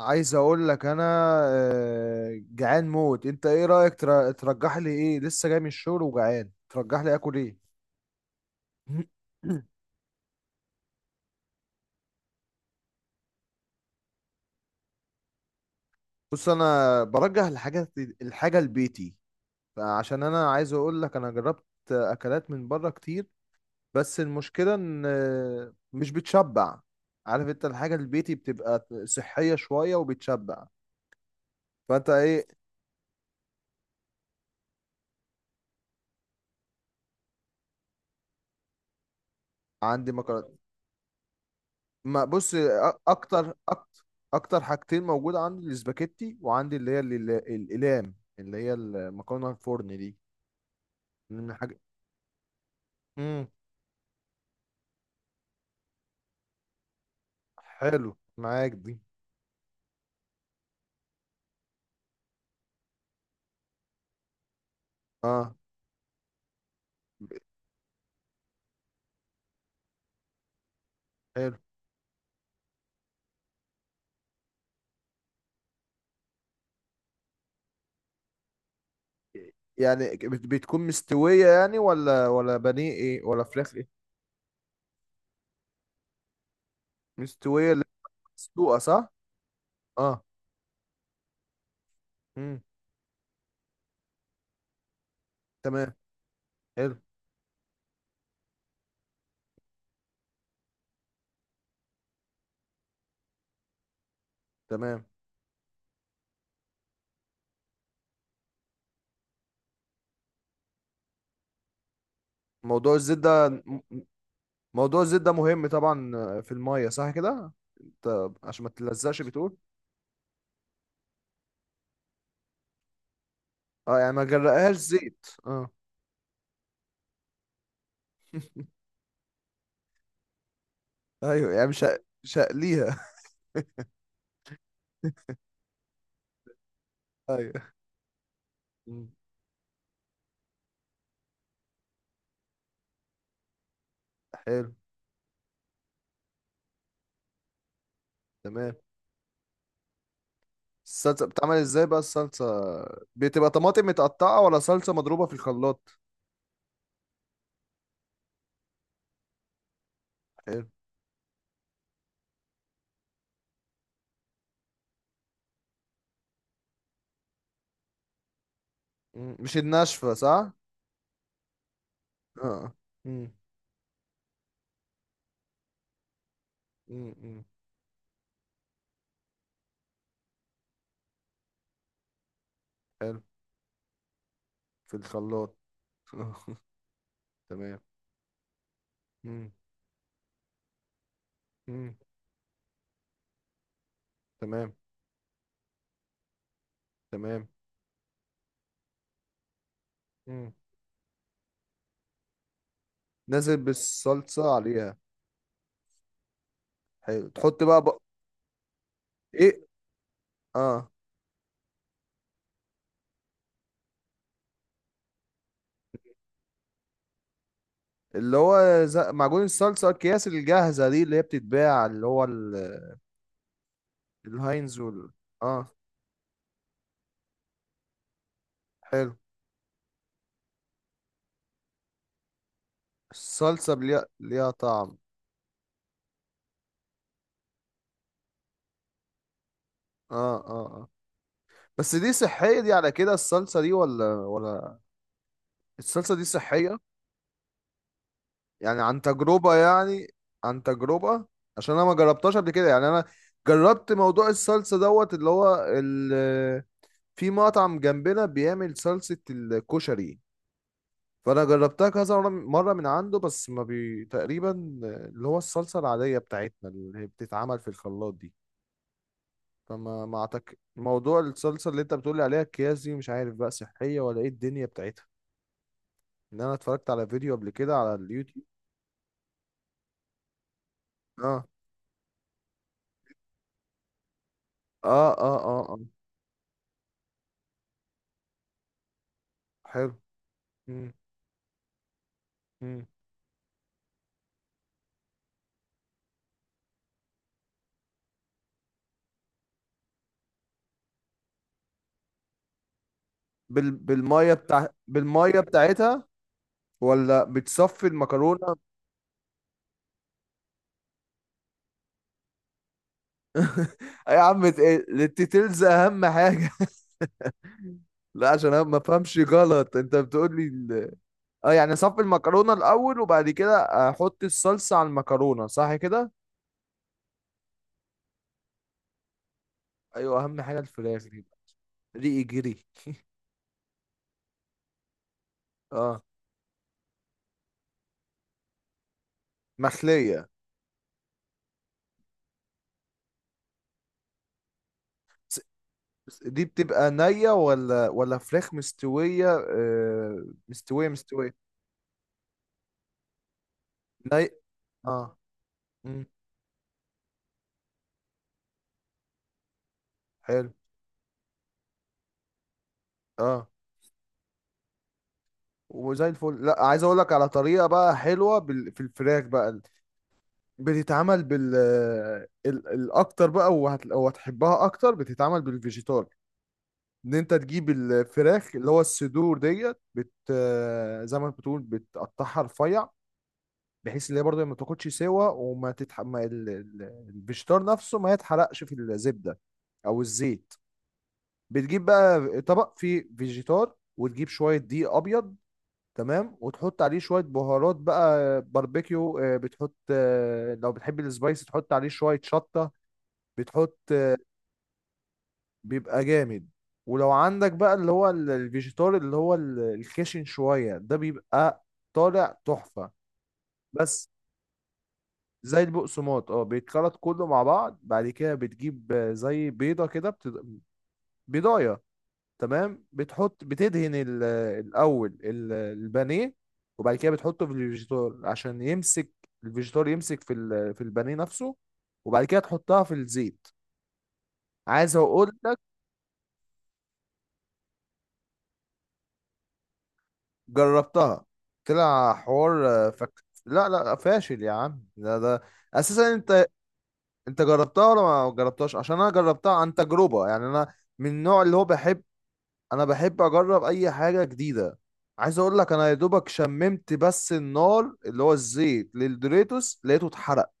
عايز اقول لك انا جعان موت. انت ايه رايك ترجح لي ايه؟ لسه جاي من الشغل وجعان، ترجح لي اكل ايه؟ بص انا برجح الحاجات، الحاجه البيتي، عشان انا عايز اقول لك انا جربت اكلات من بره كتير، بس المشكله ان مش بتشبع. عارف انت الحاجه البيتي بتبقى صحيه شويه وبتشبع، فانت ايه؟ عندي مكرونه. ما بص اكتر اكتر اكتر حاجتين موجوده عندي الاسباجيتي، وعندي اللي هي الاقلام، اللي هي المكرونه الفرن دي. من حاجه. امم حلو معاك دي. اه حلو. يعني بتكون مستويه يعني ولا بانيه ايه ولا فراخ ايه؟ مستويه اللي هي مسلوقه صح؟ اه. امم. تمام. حلو. تمام. موضوع الزيت ده موضوع الزيت ده مهم طبعا، في الميه صح كده؟ طب عشان ما تلزقش بتقول؟ اه يعني ما جرقهاش زيت، اه. ايوه يعني مش هقليها. ايوه. مم. حلو. تمام. الصلصه بتتعمل ازاي بقى الصلصه؟ بتبقى طماطم متقطعه ولا صلصه مضروبه في الخلاط؟ حلو. مم. مش الناشفه صح؟ اه. مم. مم. مم. حلو. في الخلاط. آه. تمام. مم. مم. تمام. تمام. مم. نازل بالصلصه عليها. حلو، تحط بقى ايه، اه، اللي هو معجون الصلصه، الكياس الجاهزه دي اللي هي بتتباع، اللي هو الهاينز اه. حلو. الصلصة ليها طعم. اه اه اه. بس دي صحية دي على كده، الصلصة دي ولا؟ الصلصة دي صحية؟ يعني عن تجربة يعني؟ عن تجربة. عشان انا ما جربتهاش قبل كده، يعني انا جربت موضوع الصلصة دوت اللي هو في مطعم جنبنا بيعمل صلصة الكشري، فانا جربتها كذا مرة من عنده، بس ما تقريبا اللي هو الصلصة العادية بتاعتنا اللي هي بتتعمل في الخلاط دي. طب ما موضوع الصلصة اللي انت بتقولي عليها اكياس دي، مش عارف بقى صحية ولا ايه الدنيا بتاعتها. انا اتفرجت على فيديو قبل كده على اليوتيوب. اه اه اه اه, آه. حلو. مم. مم. بالمية بتاعتها، ولا بتصفي المكرونة؟ يا عم الديتيلز اهم حاجة. لا عشان انا ما فهمش غلط، انت بتقول لي اه يعني اصفي المكرونة الاول وبعد كده احط الصلصة على المكرونة، صح كده؟ ايوه، اهم حاجة الفراخ دي. ريقي جري. اه مخلية. س- دي بتبقى نية ولا فراخ مستوية؟ مستوية مستوية. ني اه. مم. حلو. اه، وزي الفل. لا عايز اقول لك على طريقة بقى حلوة في الفراخ بقى، بتتعمل الاكتر بقى وهتحبها اكتر، بتتعمل بالفيجيتار. ان انت تجيب الفراخ، اللي هو الصدور ديت، بت آه، زي ما بتقول بتقطعها رفيع، بحيث اللي هي برضه ما تاخدش سوا وما تتح ما الفيجيتار نفسه ما يتحرقش في الزبده او الزيت. بتجيب بقى طبق فيه فيجيتار، وتجيب شويه دقيق ابيض، تمام، وتحط عليه شويه بهارات بقى باربيكيو، بتحط لو بتحب السبايس تحط عليه شويه شطه، بتحط. بيبقى جامد. ولو عندك بقى اللي هو الفيجيتار، اللي هو الخشن شويه ده، بيبقى طالع تحفه. بس زي البقسماط، اه، بيتخلط كله مع بعض، بعد كده بتجيب زي بيضة كده بيضاية، تمام، بتحط، بتدهن الأول البانيه، وبعد كده بتحطه في الفيجيتار عشان يمسك الفيجيتار، يمسك في في البانيه نفسه، وبعد كده تحطها في الزيت. عايز أقول لك، جربتها، طلع حوار لا لا فاشل يا عم، ده اساسا انت. انت جربتها ولا ما جربتهاش؟ عشان انا جربتها عن تجربة، يعني انا من النوع اللي هو بحب، انا بحب اجرب اي حاجه جديده. عايز اقول لك، انا يا دوبك شممت بس النار، اللي هو الزيت للدوريتوس لقيته اتحرق،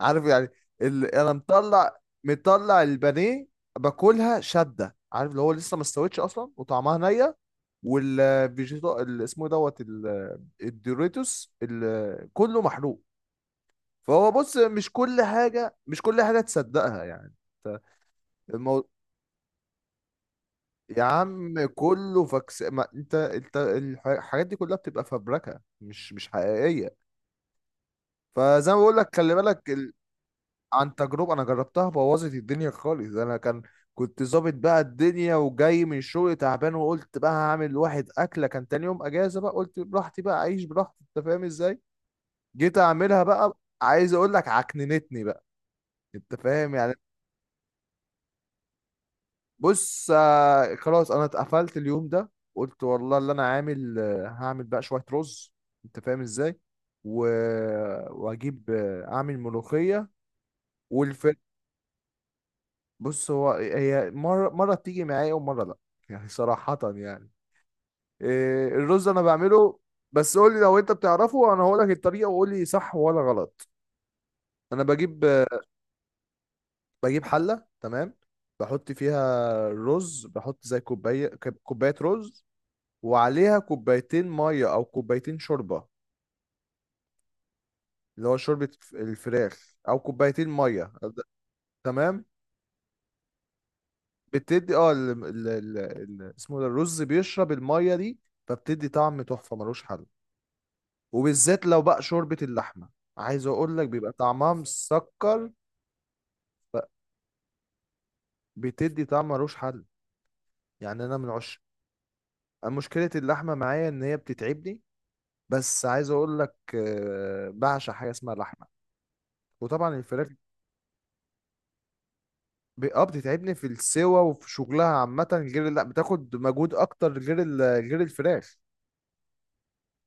عارف يعني، انا مطلع البانيه، باكلها شده، عارف، اللي هو لسه ما استويتش اصلا وطعمها نيه، والفيجيتا اللي اسمه إيه دوت الدوريتوس كله محروق. فهو بص، مش كل حاجه تصدقها يعني. يا عم كله فاكس، ما انت الحاجات دي كلها بتبقى فبركه، مش حقيقيه. فزي ما بقول لك خلي بالك عن تجربه، انا جربتها بوظت الدنيا خالص. انا كنت ظابط بقى الدنيا، وجاي من الشغل تعبان، وقلت بقى هعمل واحد اكله، كان تاني يوم اجازه بقى، قلت براحتي بقى اعيش براحتي، انت فاهم ازاي، جيت اعملها، بقى عايز اقول لك عكننتني بقى، انت فاهم يعني. بص خلاص انا اتقفلت اليوم ده، قلت والله اللي انا عامل هعمل بقى شوية رز، انت فاهم ازاي، و... واجيب اعمل ملوخية والفل. بص هو هي مرة مرة بتيجي معايا ومرة لا، يعني صراحة يعني. إيه، الرز انا بعمله، بس قول لي لو انت بتعرفه وانا هقول لك الطريقة وقول لي صح ولا غلط. انا بجيب حلة، تمام، بحط فيها الرز، بحط زي كوباية، كوباية رز، وعليها كوبايتين ميه او كوبايتين شوربه، اللي هو شوربه الفراخ، او كوبايتين ميه. تمام. بتدي اه اسمه ده، الرز بيشرب الميه دي، فبتدي طعم تحفه ملوش حل، وبالذات لو بقى شوربه اللحمه، عايز اقول لك بيبقى طعمها مسكر، بتدي طعم ملوش حل. يعني انا من عشق، مشكله اللحمه معايا ان هي بتتعبني، بس عايز اقول لك بعشق حاجه اسمها لحمه، وطبعا الفراخ. اه بتتعبني في السوا وفي شغلها عامة، غير لا بتاخد مجهود أكتر، غير غير الفراخ،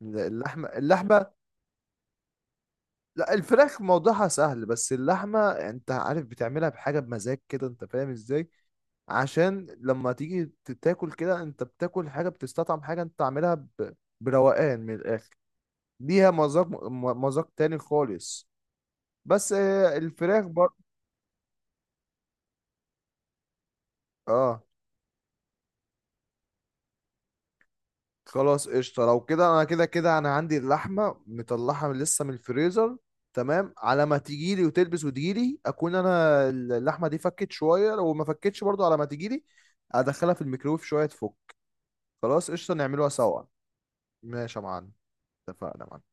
اللحمة اللحمة. لا الفراخ موضوعها سهل، بس اللحمة أنت عارف بتعملها بحاجة، بمزاج كده، أنت فاهم إزاي، عشان لما تيجي تاكل كده أنت بتاكل حاجة، بتستطعم حاجة أنت عاملها بروقان من الآخر، ليها مذاق مذاق تاني خالص. بس الفراخ برضه. اه. خلاص قشطة، لو كده انا كده كده انا عندي اللحمة مطلعها لسه من الفريزر، تمام، على ما تجيلي وتلبس وتجيلي اكون انا اللحمة دي فكت شوية، لو ما فكتش برضو على ما تجيلي ادخلها في الميكرويف شوية تفك. خلاص قشطة، نعملوها سوا. ماشي يا معلم. اتفقنا.